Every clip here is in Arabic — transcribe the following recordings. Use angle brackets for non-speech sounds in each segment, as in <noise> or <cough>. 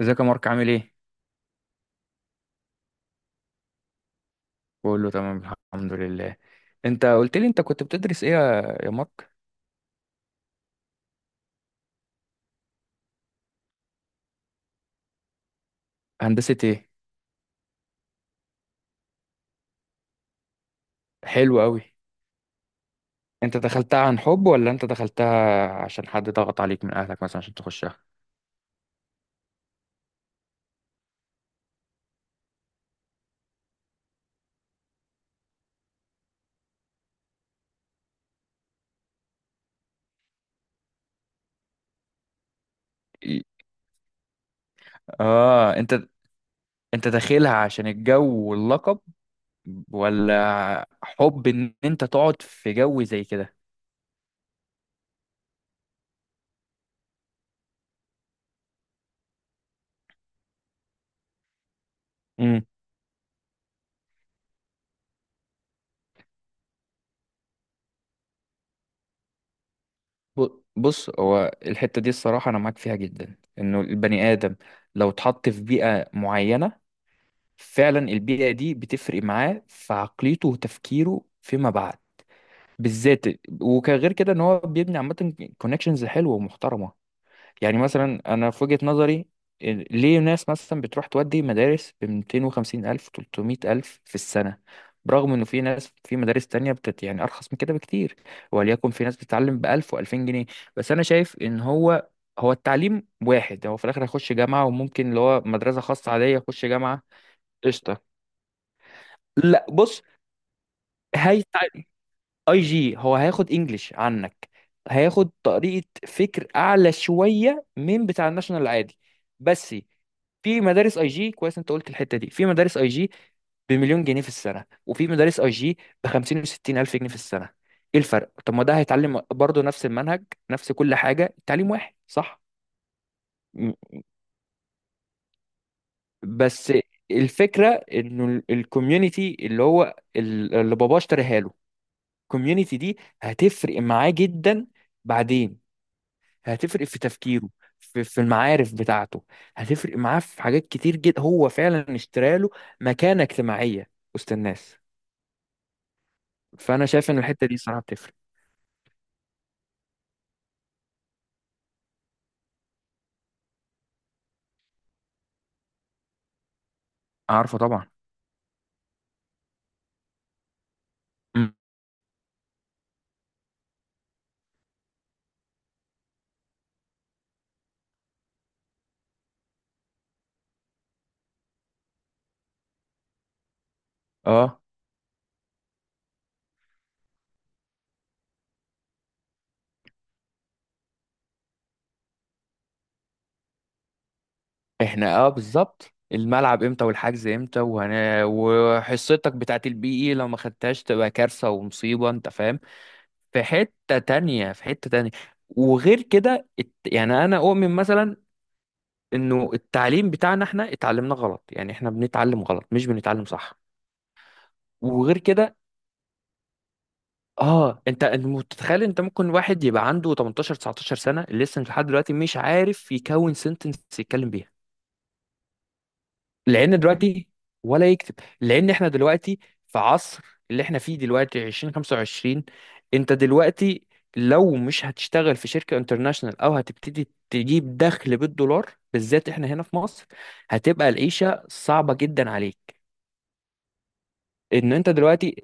ازيك يا مارك، عامل ايه؟ بقول له تمام. الحمد لله. انت قلت لي انت كنت بتدرس ايه يا مارك؟ هندسة ايه؟ حلو قوي. انت دخلتها عن حب، ولا انت دخلتها عشان حد ضغط عليك من اهلك مثلا عشان تخشها؟ إيه. اه، انت داخلها عشان الجو واللقب، ولا حب ان انت تقعد في جو زي كده؟ امم. بص، هو الحتة دي الصراحة انا معاك فيها جدا، انه البني ادم لو اتحط في بيئة معينة، فعلا البيئة دي بتفرق معاه في عقليته وتفكيره فيما بعد. بالذات. وكغير كده ان هو بيبني عامة كونكشنز حلوة ومحترمة. يعني مثلا انا في وجهة نظري، ليه ناس مثلا بتروح تودي مدارس ب 250 ألف 300 ألف في السنة، برغم انه في ناس في مدارس تانية بتت يعني ارخص من كده بكتير، وليكن في ناس بتتعلم ب 1000 و2000 جنيه؟ بس انا شايف ان هو التعليم واحد، هو في الاخر هيخش جامعة، وممكن اللي هو مدرسة خاصة عادية يخش جامعة. قشطة. لا بص، هي اي جي هو هياخد انجليش عنك، هياخد طريقة فكر اعلى شوية من بتاع الناشونال العادي، بس. في مدارس اي جي كويس، انت قلت الحتة دي، في مدارس اي جي بمليون جنيه في السنة، وفي مدارس اي جي ب 50 و 60 الف جنيه في السنة. ايه الفرق؟ طب ما ده هيتعلم برضه نفس المنهج، نفس كل حاجة، التعليم واحد، صح؟ م- بس الفكرة، انه الكوميونتي اللي هو اللي باباه اشتريها له، الكوميونتي دي هتفرق معاه جدا. بعدين هتفرق في تفكيره، في المعارف بتاعته، هتفرق معاه في حاجات كتير جدا. هو فعلا اشترى له مكانة اجتماعية وسط الناس. فانا شايف ان الحتة دي صراحة بتفرق. عارفه طبعا. مم. اه احنا، بالظبط، الملعب امتى والحجز امتى، وهنا وحصتك بتاعت البي اي لو ما خدتهاش تبقى كارثة ومصيبة، انت فاهم؟ في حتة تانية، في حتة تانية. وغير كده يعني انا اؤمن مثلا انه التعليم بتاعنا احنا اتعلمنا غلط، يعني احنا بنتعلم غلط مش بنتعلم صح. وغير كده، اه، انت متخيل انت ممكن واحد يبقى عنده 18 19 سنه لسه لحد دلوقتي مش عارف يكون سنتنس يتكلم بيها؟ لان دلوقتي. ولا يكتب. لان احنا دلوقتي في عصر، اللي احنا فيه دلوقتي 2025، انت دلوقتي لو مش هتشتغل في شركه انترناشونال او هتبتدي تجيب دخل بالدولار، بالذات احنا هنا في مصر، هتبقى العيشه صعبه جدا عليك. ان انت دلوقتي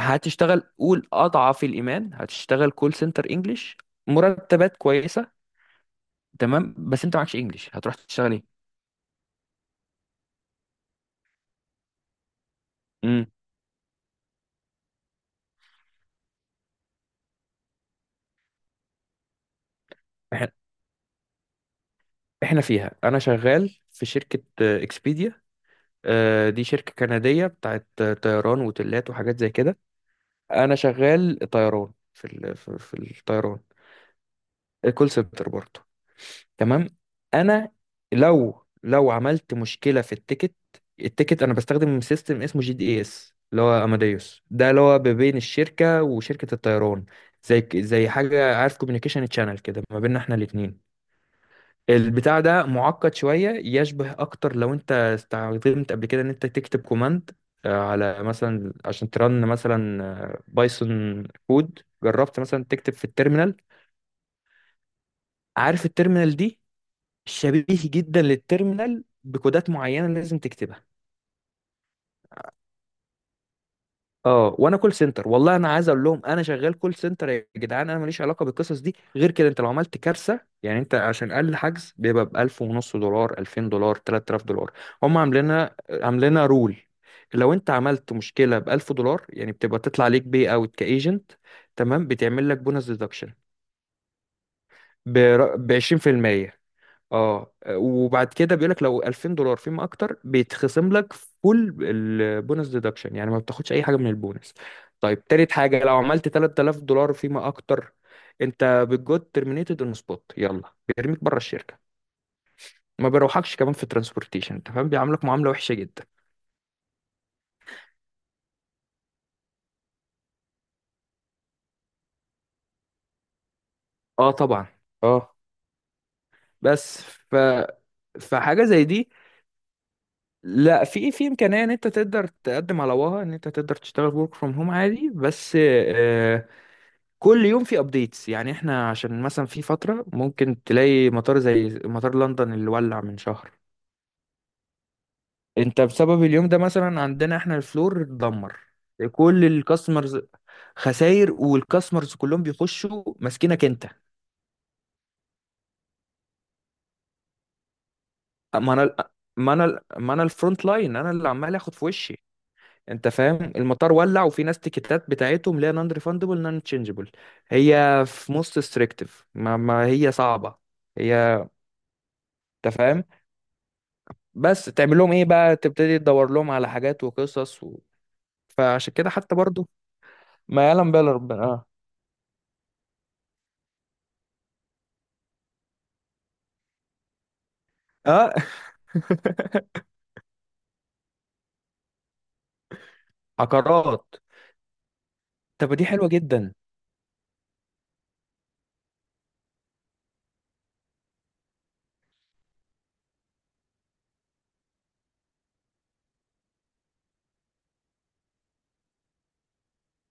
هتشتغل، قول اضعف الايمان، هتشتغل كول سنتر انجلش، مرتبات كويسه، تمام. بس انت معكش انجلش، هتروح تشتغل ايه؟ امم. احنا، إحنا فيها انا شغال في شركه اكسبيديا، دي شركه كنديه بتاعت طيران وتلات وحاجات زي كده. انا شغال طيران في ال... في في الطيران، كول سنتر برضه، تمام. انا لو عملت مشكله في التيكت، التيكت انا بستخدم سيستم اسمه جي دي اس، اللي هو اماديوس، ده اللي هو ما بين الشركه وشركه الطيران، زي حاجه، عارف، كوميونيكيشن تشانل كده ما بيننا احنا الاثنين. البتاع ده معقد شويه، يشبه اكتر لو انت استخدمت قبل كده ان انت تكتب كوماند على مثلا عشان ترن مثلا بايثون كود، جربت مثلا تكتب في التيرمينال؟ عارف التيرمينال دي؟ شبيه جدا للتيرمينال، بكودات معينه لازم تكتبها. اه، وانا كول سنتر، والله انا عايز اقول لهم انا شغال كول سنتر يا جدعان، انا ماليش علاقه بالقصص دي. غير كده، انت لو عملت كارثه يعني، انت عشان اقل حجز بيبقى ب 1000 ونص دولار، 2000 دولار، 3000 دولار. هم عاملينها، عاملينها رول: لو انت عملت مشكله ب 1000 دولار يعني، بتبقى تطلع عليك بي اوت كايجنت، تمام، بتعمل لك بونس ديدكشن ب 20%. اه، وبعد كده بيقول لك لو 2000 دولار فيما اكتر، بيتخصم لك فول البونس ديدكشن، يعني ما بتاخدش اي حاجه من البونس. طيب، تالت حاجه، لو عملت 3000 دولار فيما اكتر، انت بتجود ترمينيتد اون سبوت، يلا بيرميك بره الشركه، ما بيروحكش كمان في ترانسبورتيشن. انت فاهم؟ بيعاملك معامله وحشه جدا. اه طبعا، اه. بس فحاجه زي دي، لا، في في امكانيه ان انت تقدر تقدم على وها، ان انت تقدر تشتغل ورك فروم هوم عادي، بس كل يوم في ابديتس، يعني احنا عشان مثلا في فترة ممكن تلاقي مطار زي مطار لندن اللي ولع من شهر، انت بسبب اليوم ده مثلا عندنا احنا الفلور اتدمر، كل الكاستمرز خساير، والكاستمرز كلهم بيخشوا ماسكينك انت. ما انا ما انا الفرونت لاين، انا اللي عمال اخد في وشي. انت فاهم؟ المطار ولع، وفي ناس تيكتات بتاعتهم لا نون ريفاندبل نون تشينجبل، هي في موست ستريكتيف، ما هي صعبة. هي، انت فاهم، بس تعمل لهم ايه بقى، تبتدي تدور لهم على حاجات وقصص و... فعشان كده حتى برضو، ما يعلم بها الا ربنا. اه. اه. عقارات؟ طب دي حلوة جدا.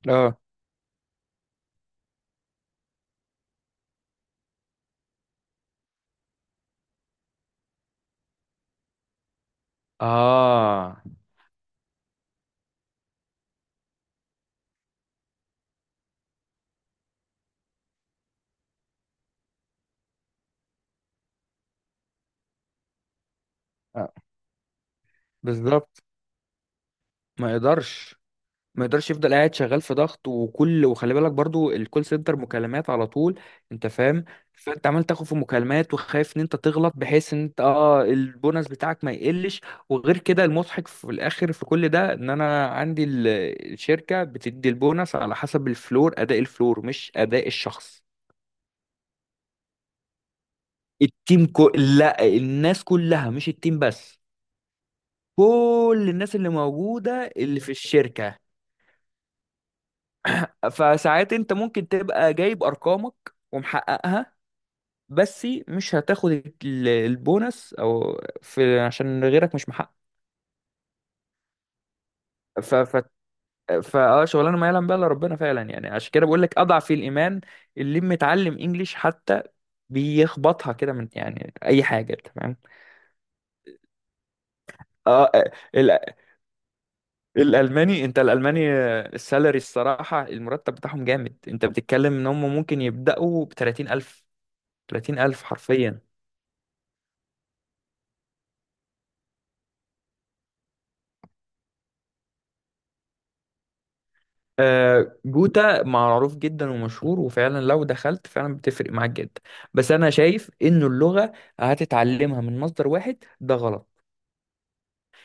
اه. اه. آه، بالظبط. ما يقدرش. ما يقدرش يفضل قاعد شغال في ضغط وكل، وخلي بالك برضو الكول سنتر مكالمات على طول، انت فاهم؟ فانت عمال تاخد في مكالمات وخايف ان انت تغلط، بحيث ان انت، اه، البونص بتاعك ما يقلش. وغير كده المضحك في الاخر في كل ده، ان انا عندي الشركة بتدي البونص على حسب الفلور، اداء الفلور مش اداء الشخص. التيم لا، الناس كلها مش التيم بس، كل الناس اللي موجودة اللي في الشركة. فساعات انت ممكن تبقى جايب ارقامك ومحققها، بس مش هتاخد البونص، او في عشان غيرك مش محقق. ف ف فا اه شغلانه ما يعلم بها الا ربنا فعلا يعني، عشان كده بقول لك اضعف الايمان، اللي متعلم انجليش حتى بيخبطها كده من يعني اي حاجه، انت فاهم؟ اه ال- الالماني، انت الالماني، السالري الصراحه، المرتب بتاعهم جامد، انت بتتكلم ان هم ممكن يبداوا ب 30000. 30000 حرفيا. جوتا معروف جدا ومشهور، وفعلا لو دخلت فعلا بتفرق معاك جدا. بس انا شايف انه اللغة هتتعلمها من مصدر واحد ده غلط،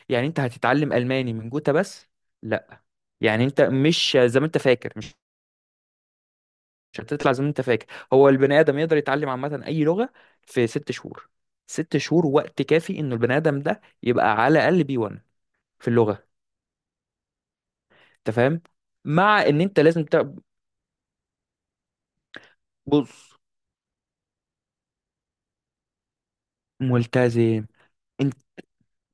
يعني انت هتتعلم الماني من جوتا بس؟ لا. يعني انت مش زي ما انت فاكر، مش هتطلع زي ما انت فاكر. هو البني ادم يقدر يتعلم عامة اي لغة في ست شهور، ست شهور وقت كافي انه البني ادم ده يبقى على الاقل بي 1 في اللغة، انت فاهم؟ مع ان انت لازم بص، ملتزم.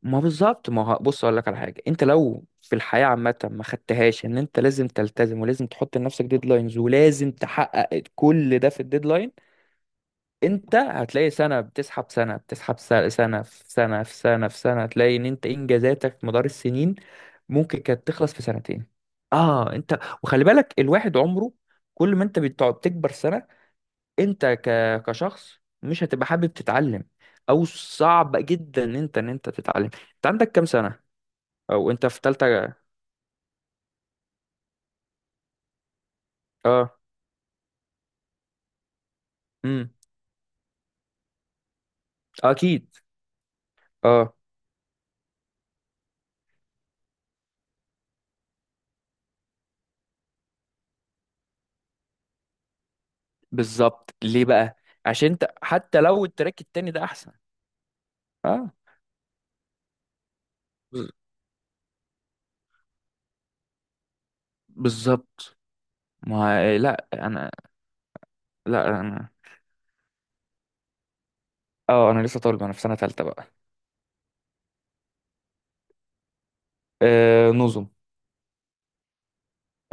ما بالظبط، ما هو بص اقول لك على حاجه، انت لو في الحياه عامه ما خدتهاش ان انت لازم تلتزم ولازم تحط لنفسك ديدلاينز ولازم تحقق كل ده في الديدلاين، انت هتلاقي سنه بتسحب، سنه بتسحب، سنه، سنه في سنه في سنه في سنه، هتلاقي ان انت انجازاتك مدار السنين ممكن كانت تخلص في سنتين. اه، انت وخلي بالك الواحد عمره كل ما انت بتقعد تكبر سنه، انت ك... كشخص مش هتبقى حابب تتعلم، او صعب جدا ان انت تتعلم. انت عندك كام سنه؟ او انت في تالتة؟ اه. امم. اكيد. اه، بالظبط ليه بقى؟ عشان انت حتى لو التراك التاني ده احسن. اه. بز- بالظبط. ما، لا انا، لا انا، اه انا لسه طالب، انا في سنة تالتة بقى. آه، نظم.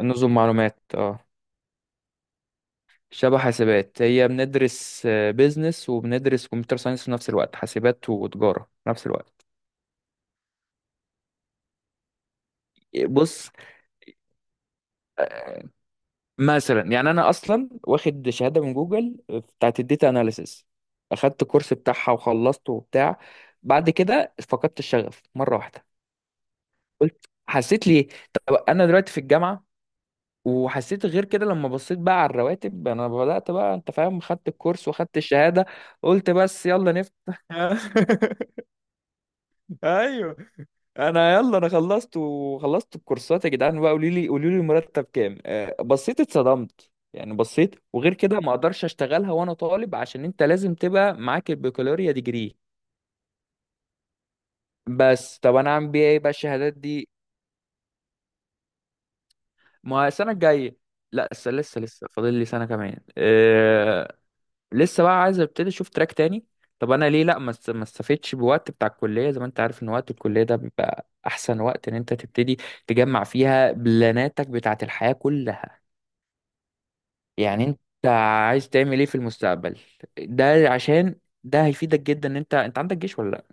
نظم معلومات، اه. شبه حاسبات. هي بندرس بيزنس وبندرس كمبيوتر ساينس في نفس الوقت، حاسبات وتجارة في نفس الوقت. بص، مثلا يعني انا اصلا واخد شهاده من جوجل بتاعت الداتا اناليسيس، اخدت كورس بتاعها وخلصته وبتاع. بعد كده فقدت الشغف مره واحده. قلت حسيت ليه. طب انا دلوقتي في الجامعه، وحسيت غير كده لما بصيت بقى على الرواتب، انا بدات بقى، انت فاهم، خدت الكورس واخدت الشهاده، قلت بس يلا نفتح. <laughs> ايوه. انا يلا، انا خلصت وخلصت الكورسات يا جدعان بقى، قولي لي المرتب كام، بصيت اتصدمت يعني، بصيت، وغير كده ما اقدرش اشتغلها وانا طالب، عشان انت لازم تبقى معاك البكالوريا ديجري. بس طب انا اعمل بيها ايه بقى الشهادات دي؟ ما السنه الجايه. لا، لسه لسه لسه فاضل لي سنه كمان، أه. لسه بقى عايز ابتدي اشوف تراك تاني. طب انا ليه لا ما استفدتش بوقت بتاع الكليه، زي ما انت عارف ان وقت الكليه ده بيبقى احسن وقت ان انت تبتدي تجمع فيها بلاناتك بتاعت الحياه كلها. يعني انت عايز تعمل ايه في المستقبل؟ ده عشان ده هيفيدك جدا. ان انت، انت عندك جيش ولا لا،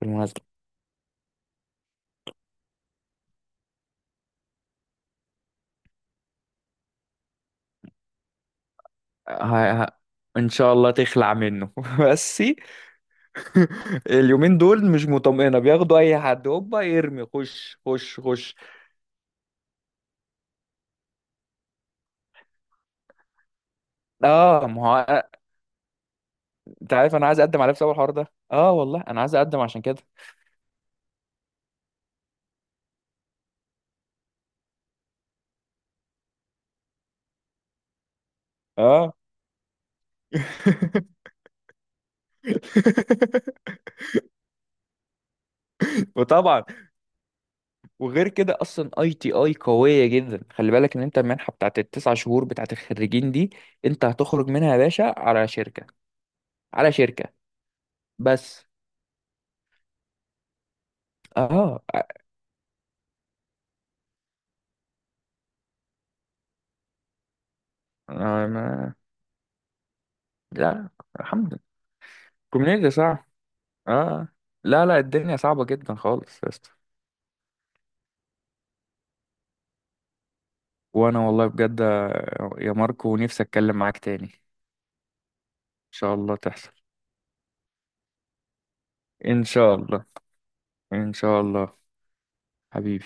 بالمناسبة؟ ه... ه... ان شاء الله تخلع منه <laughs> بس. <laughs> اليومين دول مش مطمئنة، بياخدوا اي حد هوبا يرمي خش خش خش. اه. ما هو، انت عارف انا عايز اقدم على إيه بسبب الحوار ده؟ اه والله انا عايز اقدم عشان كده. اه. <laughs> وطبعا، وغير كده اصلا اي تي اي قويه جدا، خلي بالك ان انت المنحه بتاعت التسع شهور بتاعت الخريجين دي، انت هتخرج منها يا باشا على شركه، على شركه، بس. اه. ما، لا، الحمد لله. الكوميونيتي صعب. اه. لا لا، الدنيا صعبه جدا خالص يا اسطى. وانا والله بجد، يا ماركو، نفسي اتكلم معاك تاني ان شاء الله تحصل. ان شاء الله. ان شاء الله. حبيبي.